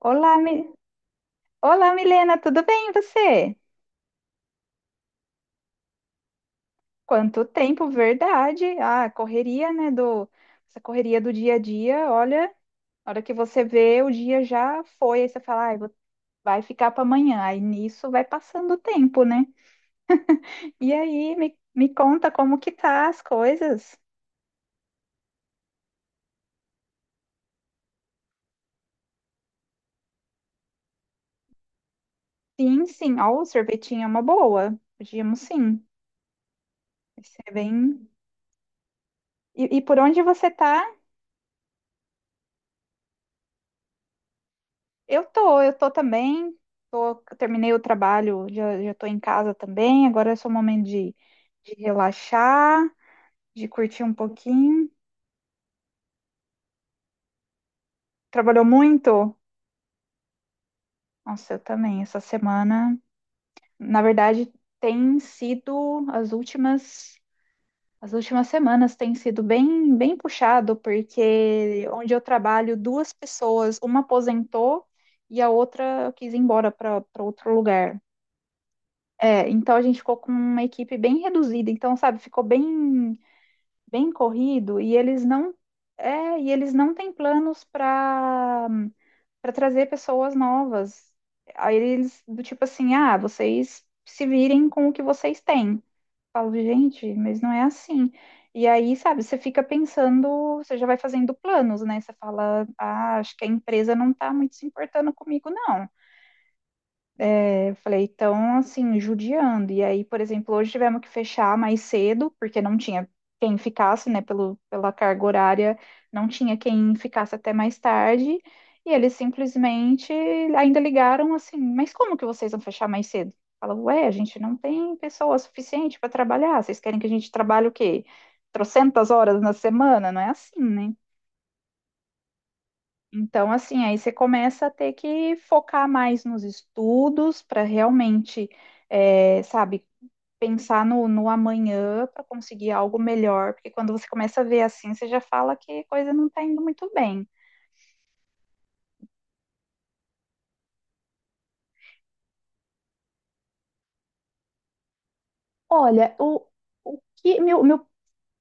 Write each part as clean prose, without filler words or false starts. Olá, Olá, Milena, tudo bem e você? Quanto tempo, verdade? Ah, a correria, né, essa correria do dia a dia, olha, a hora que você vê, o dia já foi, aí você fala, ai, vai ficar para amanhã, aí nisso vai passando o tempo, né? E aí, me conta como que tá as coisas? Sim, sim, ó, o sorvetinho é uma boa, podíamos sim, vai ser e, por onde você tá? Eu tô também. Tô, terminei o trabalho, já tô em casa também. Agora é só o momento de relaxar, de curtir um pouquinho. Trabalhou muito? Nossa, eu também. Essa semana, na verdade, tem sido as últimas semanas tem sido bem, bem puxado, porque onde eu trabalho, duas pessoas, uma aposentou e a outra quis ir embora para outro lugar. É, então a gente ficou com uma equipe bem reduzida, então, sabe, ficou bem corrido e eles não têm planos para trazer pessoas novas. Aí eles do tipo assim, ah, vocês se virem com o que vocês têm. Eu falo, gente, mas não é assim. E aí, sabe, você fica pensando, você já vai fazendo planos, né? Você fala, ah, acho que a empresa não tá muito se importando comigo, não. É, eu falei, então, assim, judiando. E aí, por exemplo, hoje tivemos que fechar mais cedo, porque não tinha quem ficasse, né, pela carga horária, não tinha quem ficasse até mais tarde. E eles simplesmente ainda ligaram assim: Mas como que vocês vão fechar mais cedo? Fala, ué, a gente não tem pessoa suficiente para trabalhar. Vocês querem que a gente trabalhe o quê? Trocentas horas na semana? Não é assim, né? Então, assim, aí você começa a ter que focar mais nos estudos para realmente, é, sabe, pensar no amanhã para conseguir algo melhor, porque quando você começa a ver assim, você já fala que a coisa não está indo muito bem. Olha, o que meu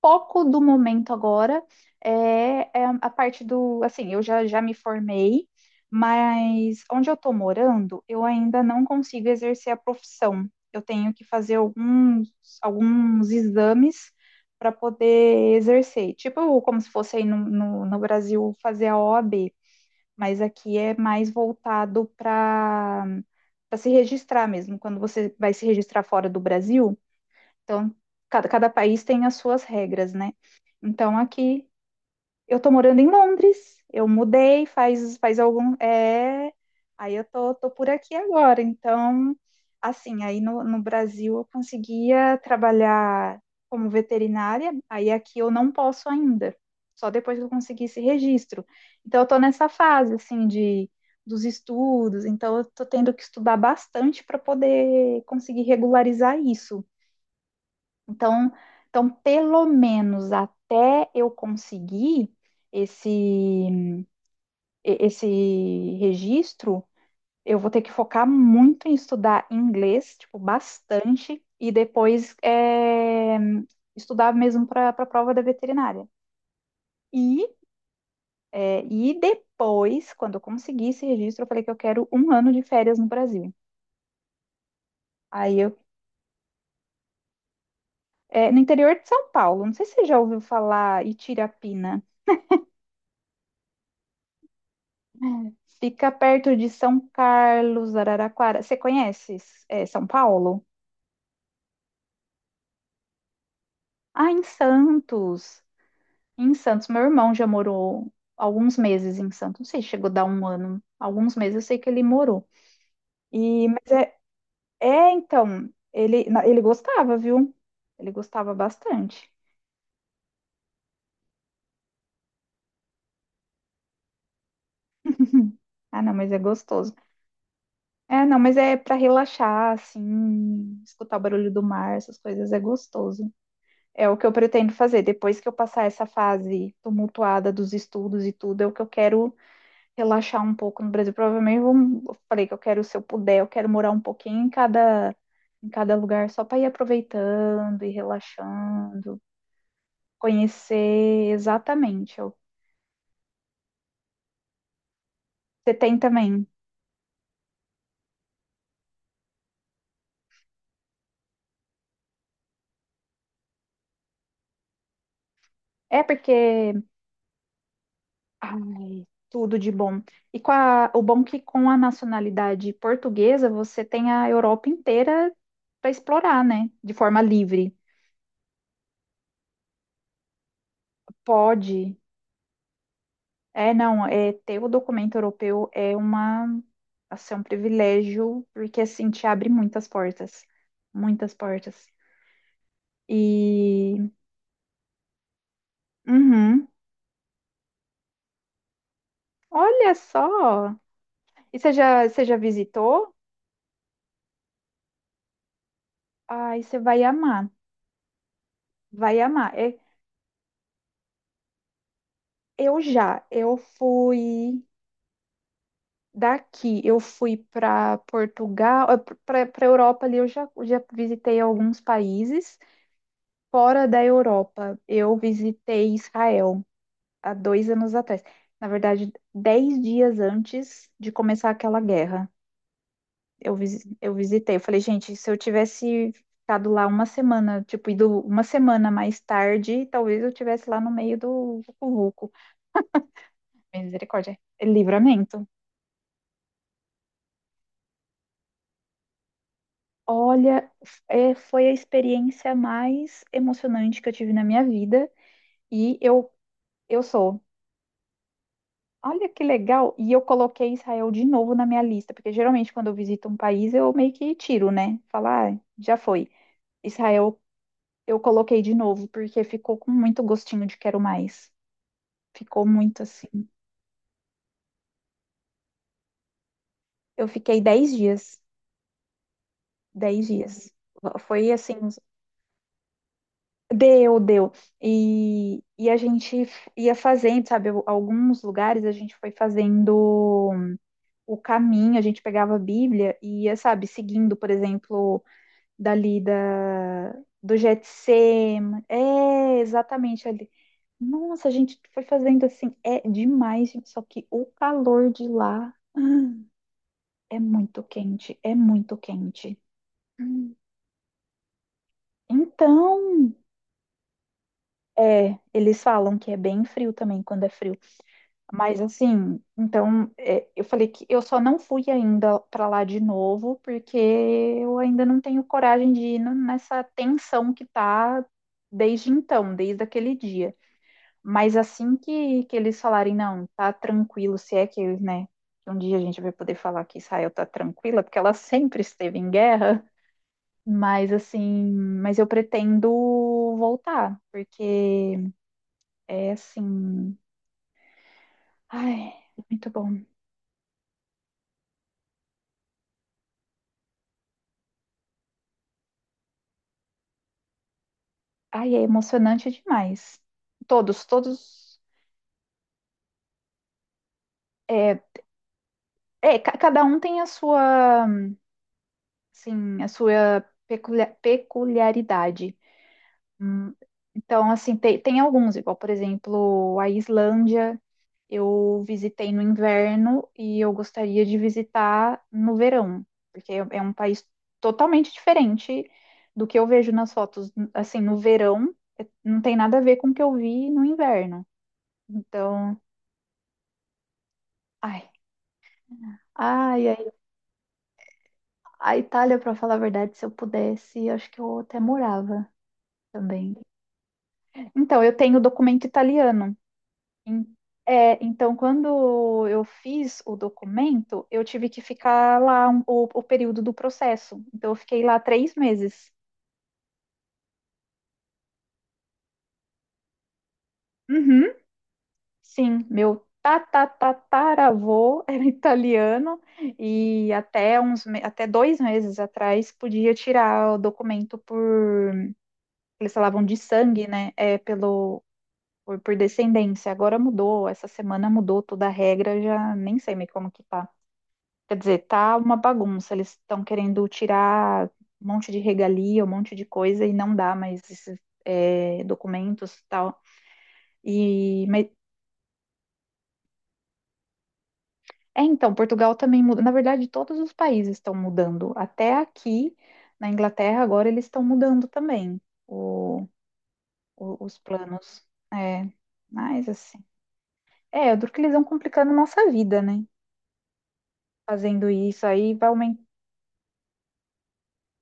foco do momento agora é, é a parte do, assim, já me formei, mas onde eu estou morando, eu ainda não consigo exercer a profissão. Eu tenho que fazer alguns, alguns exames para poder exercer. Tipo, como se fosse aí no Brasil fazer a OAB, mas aqui é mais voltado para se registrar mesmo. Quando você vai se registrar fora do Brasil, então, cada país tem as suas regras, né? Então, aqui, eu tô morando em Londres, eu mudei faz, faz algum. É, aí eu tô por aqui agora. Então, assim, aí no Brasil eu conseguia trabalhar como veterinária, aí aqui eu não posso ainda, só depois que eu conseguir esse registro. Então, eu tô nessa fase, assim, de. Dos estudos, então eu tô tendo que estudar bastante para poder conseguir regularizar isso então, então, pelo menos até eu conseguir esse, e- esse registro, eu vou ter que focar muito em estudar inglês, tipo, bastante, e depois estudar mesmo para a prova da veterinária. E, e depois, quando eu conseguir esse registro, eu falei que eu quero um ano de férias no Brasil. Aí eu, no interior de São Paulo, não sei se você já ouviu falar Itirapina. Fica perto de São Carlos, Araraquara. Você conhece, é, São Paulo? Ah, em Santos. Em Santos, meu irmão já morou alguns meses em Santos. Não sei, chegou a dar um ano. Alguns meses eu sei que ele morou. E, mas é, é, então, ele gostava, viu? Ele gostava bastante. Ah, não, mas é gostoso. É, não, mas é para relaxar, assim, escutar o barulho do mar, essas coisas é gostoso. É o que eu pretendo fazer. Depois que eu passar essa fase tumultuada dos estudos e tudo, é o que eu quero relaxar um pouco no Brasil. Provavelmente eu falei que eu quero, se eu puder, eu quero morar um pouquinho em em cada lugar, só para ir aproveitando e relaxando, conhecer exatamente. Eu- Você tem também. É porque, ai, tudo de bom. E com o bom que com a nacionalidade portuguesa, você tem a Europa inteira para explorar, né? De forma livre. Pode. É, não, é, ter o documento europeu é uma, assim, é um privilégio, porque assim te abre muitas portas, muitas portas. E, uhum, olha só. E você já visitou? Ai, você vai amar, vai amar. É, eu fui daqui, eu fui para Portugal, para Europa ali, já visitei alguns países. Fora da Europa, eu visitei Israel há 2 anos atrás. Na verdade, 10 dias antes de começar aquela guerra, eu visitei. Eu falei, gente, se eu tivesse ficado lá uma semana, tipo, ido uma semana mais tarde, talvez eu tivesse lá no meio do vucu-vucu. Misericórdia. É Livramento. Olha, é, foi a experiência mais emocionante que eu tive na minha vida. E eu sou. Olha que legal! E eu coloquei Israel de novo na minha lista, porque geralmente quando eu visito um país eu meio que tiro, né? Falar, ah, já foi. Israel eu coloquei de novo, porque ficou com muito gostinho de quero mais. Ficou muito assim. Eu fiquei 10 dias. 10 dias. Foi assim, deu, deu. E a gente ia fazendo, sabe? Alguns lugares a gente foi fazendo o caminho, a gente pegava a Bíblia e ia, sabe, seguindo, por exemplo. dali da, do Jetsem. É, exatamente ali. Nossa, a gente foi fazendo assim, é demais, gente, só que o calor de lá é muito quente, é muito quente. Hum. Então, é, eles falam que é bem frio também quando é frio. Mas assim, então, é, eu falei que eu só não fui ainda para lá de novo, porque eu ainda não tenho coragem de ir nessa tensão que tá desde então, desde aquele dia. Mas assim que eles falarem, não, tá tranquilo, se é que, né, um dia a gente vai poder falar que Israel tá tranquila, porque ela sempre esteve em guerra, mas assim, mas eu pretendo voltar, porque é assim, ai, muito bom. Ai, é emocionante demais. Todos, todos, é, é, cada um tem a sua, assim, a sua peculiaridade. Hum, Então, assim, tem, tem alguns, igual, por exemplo, a Islândia, eu visitei no inverno e eu gostaria de visitar no verão, porque é um país totalmente diferente do que eu vejo nas fotos. Assim, no verão, não tem nada a ver com o que eu vi no inverno. Então, ai, ai, ai. A Itália, para falar a verdade, se eu pudesse, acho que eu até morava também. Então, eu tenho documento italiano. Em- é, então, quando eu fiz o documento, eu tive que ficar lá o período do processo. Então, eu fiquei lá 3 meses. Uhum, sim, meu tatatataravô era italiano e até uns, até 2 meses atrás podia tirar o documento por, eles falavam de sangue, né? É, pelo, por descendência. Agora mudou, essa semana mudou toda a regra, já nem sei mais como que tá. Quer dizer, tá uma bagunça. Eles estão querendo tirar um monte de regalia, um monte de coisa e não dá mais esses é, documentos e tal. E mas, é então, Portugal também muda. Na verdade, todos os países estão mudando. Até aqui na Inglaterra agora eles estão mudando também o- os planos. É, mas assim, é, eu duro que eles vão complicando nossa vida, né? Fazendo isso aí vai aumentar.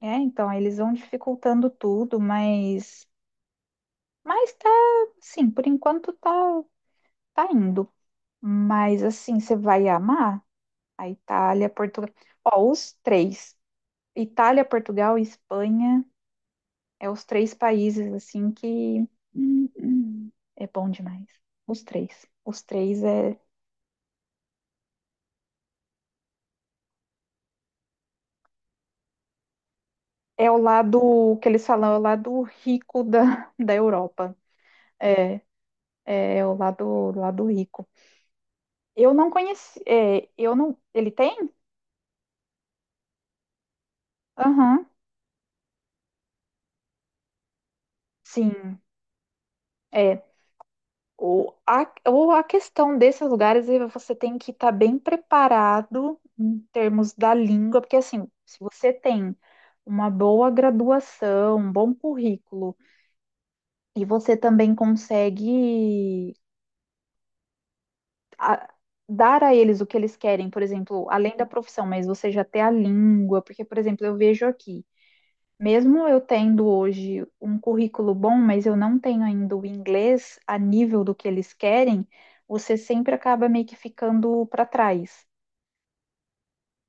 É, então, aí eles vão dificultando tudo, mas tá, sim, por enquanto tá, tá indo. Mas assim, você vai amar a Itália, Portugal. Ó, os três. Itália, Portugal e Espanha é os três países assim que é bom demais. Os três. Os três é, é o lado que eles falam, é o lado rico da Europa. É, é o lado, lado rico. Eu não conheci. É, eu não. Ele tem? Aham. Sim. É, ou a questão desses lugares é você tem que estar bem preparado em termos da língua, porque assim, se você tem uma boa graduação, um bom currículo, e você também consegue a- dar a eles o que eles querem, por exemplo, além da profissão, mas você já tem a língua, porque, por exemplo, eu vejo aqui. Mesmo eu tendo hoje um currículo bom, mas eu não tenho ainda o inglês a nível do que eles querem, você sempre acaba meio que ficando para trás.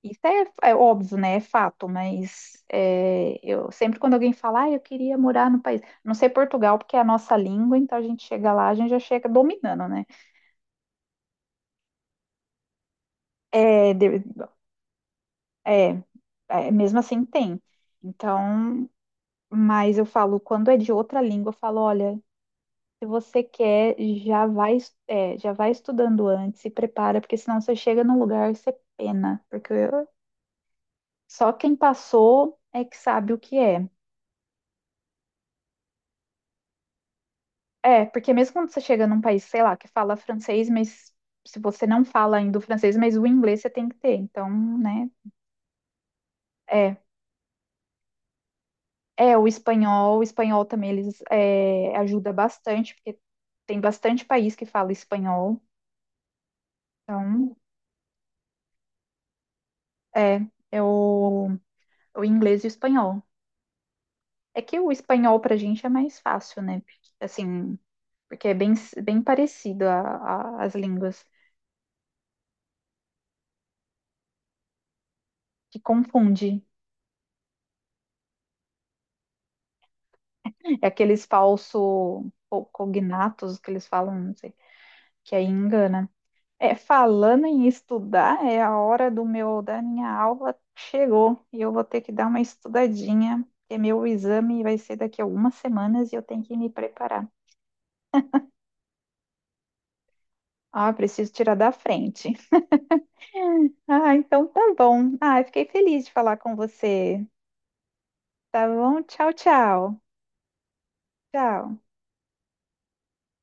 Isso é, é óbvio, né? É fato, mas é, eu sempre quando alguém fala, ah, eu queria morar no país, não sei Portugal, porque é a nossa língua, então a gente chega lá, a gente já chega dominando, né? É, é, é, mesmo assim tem. Então, mas eu falo, quando é de outra língua, eu falo, olha, se você quer, já vai, é, já vai estudando antes, se prepara, porque senão você chega num lugar e você pena, porque só quem passou é que sabe o que é. É, porque mesmo quando você chega num país, sei lá, que fala francês, mas se você não fala ainda o francês, mas o inglês você tem que ter, então, né? É, é o espanhol também eles é, ajuda bastante, porque tem bastante país que fala espanhol, então, é, é o, o inglês e o espanhol. É que o espanhol pra gente é mais fácil, né? Porque, assim, porque é bem, bem parecido as línguas. Que confunde. É aqueles falso cognatos que eles falam, não sei, que aí engana. É, falando em estudar, é a hora do meu, da minha aula chegou e eu vou ter que dar uma estudadinha, porque meu exame vai ser daqui a algumas semanas e eu tenho que me preparar. Ah, preciso tirar da frente. Ah, então tá bom. Ah, eu fiquei feliz de falar com você. Tá bom? Tchau, tchau. Tchau.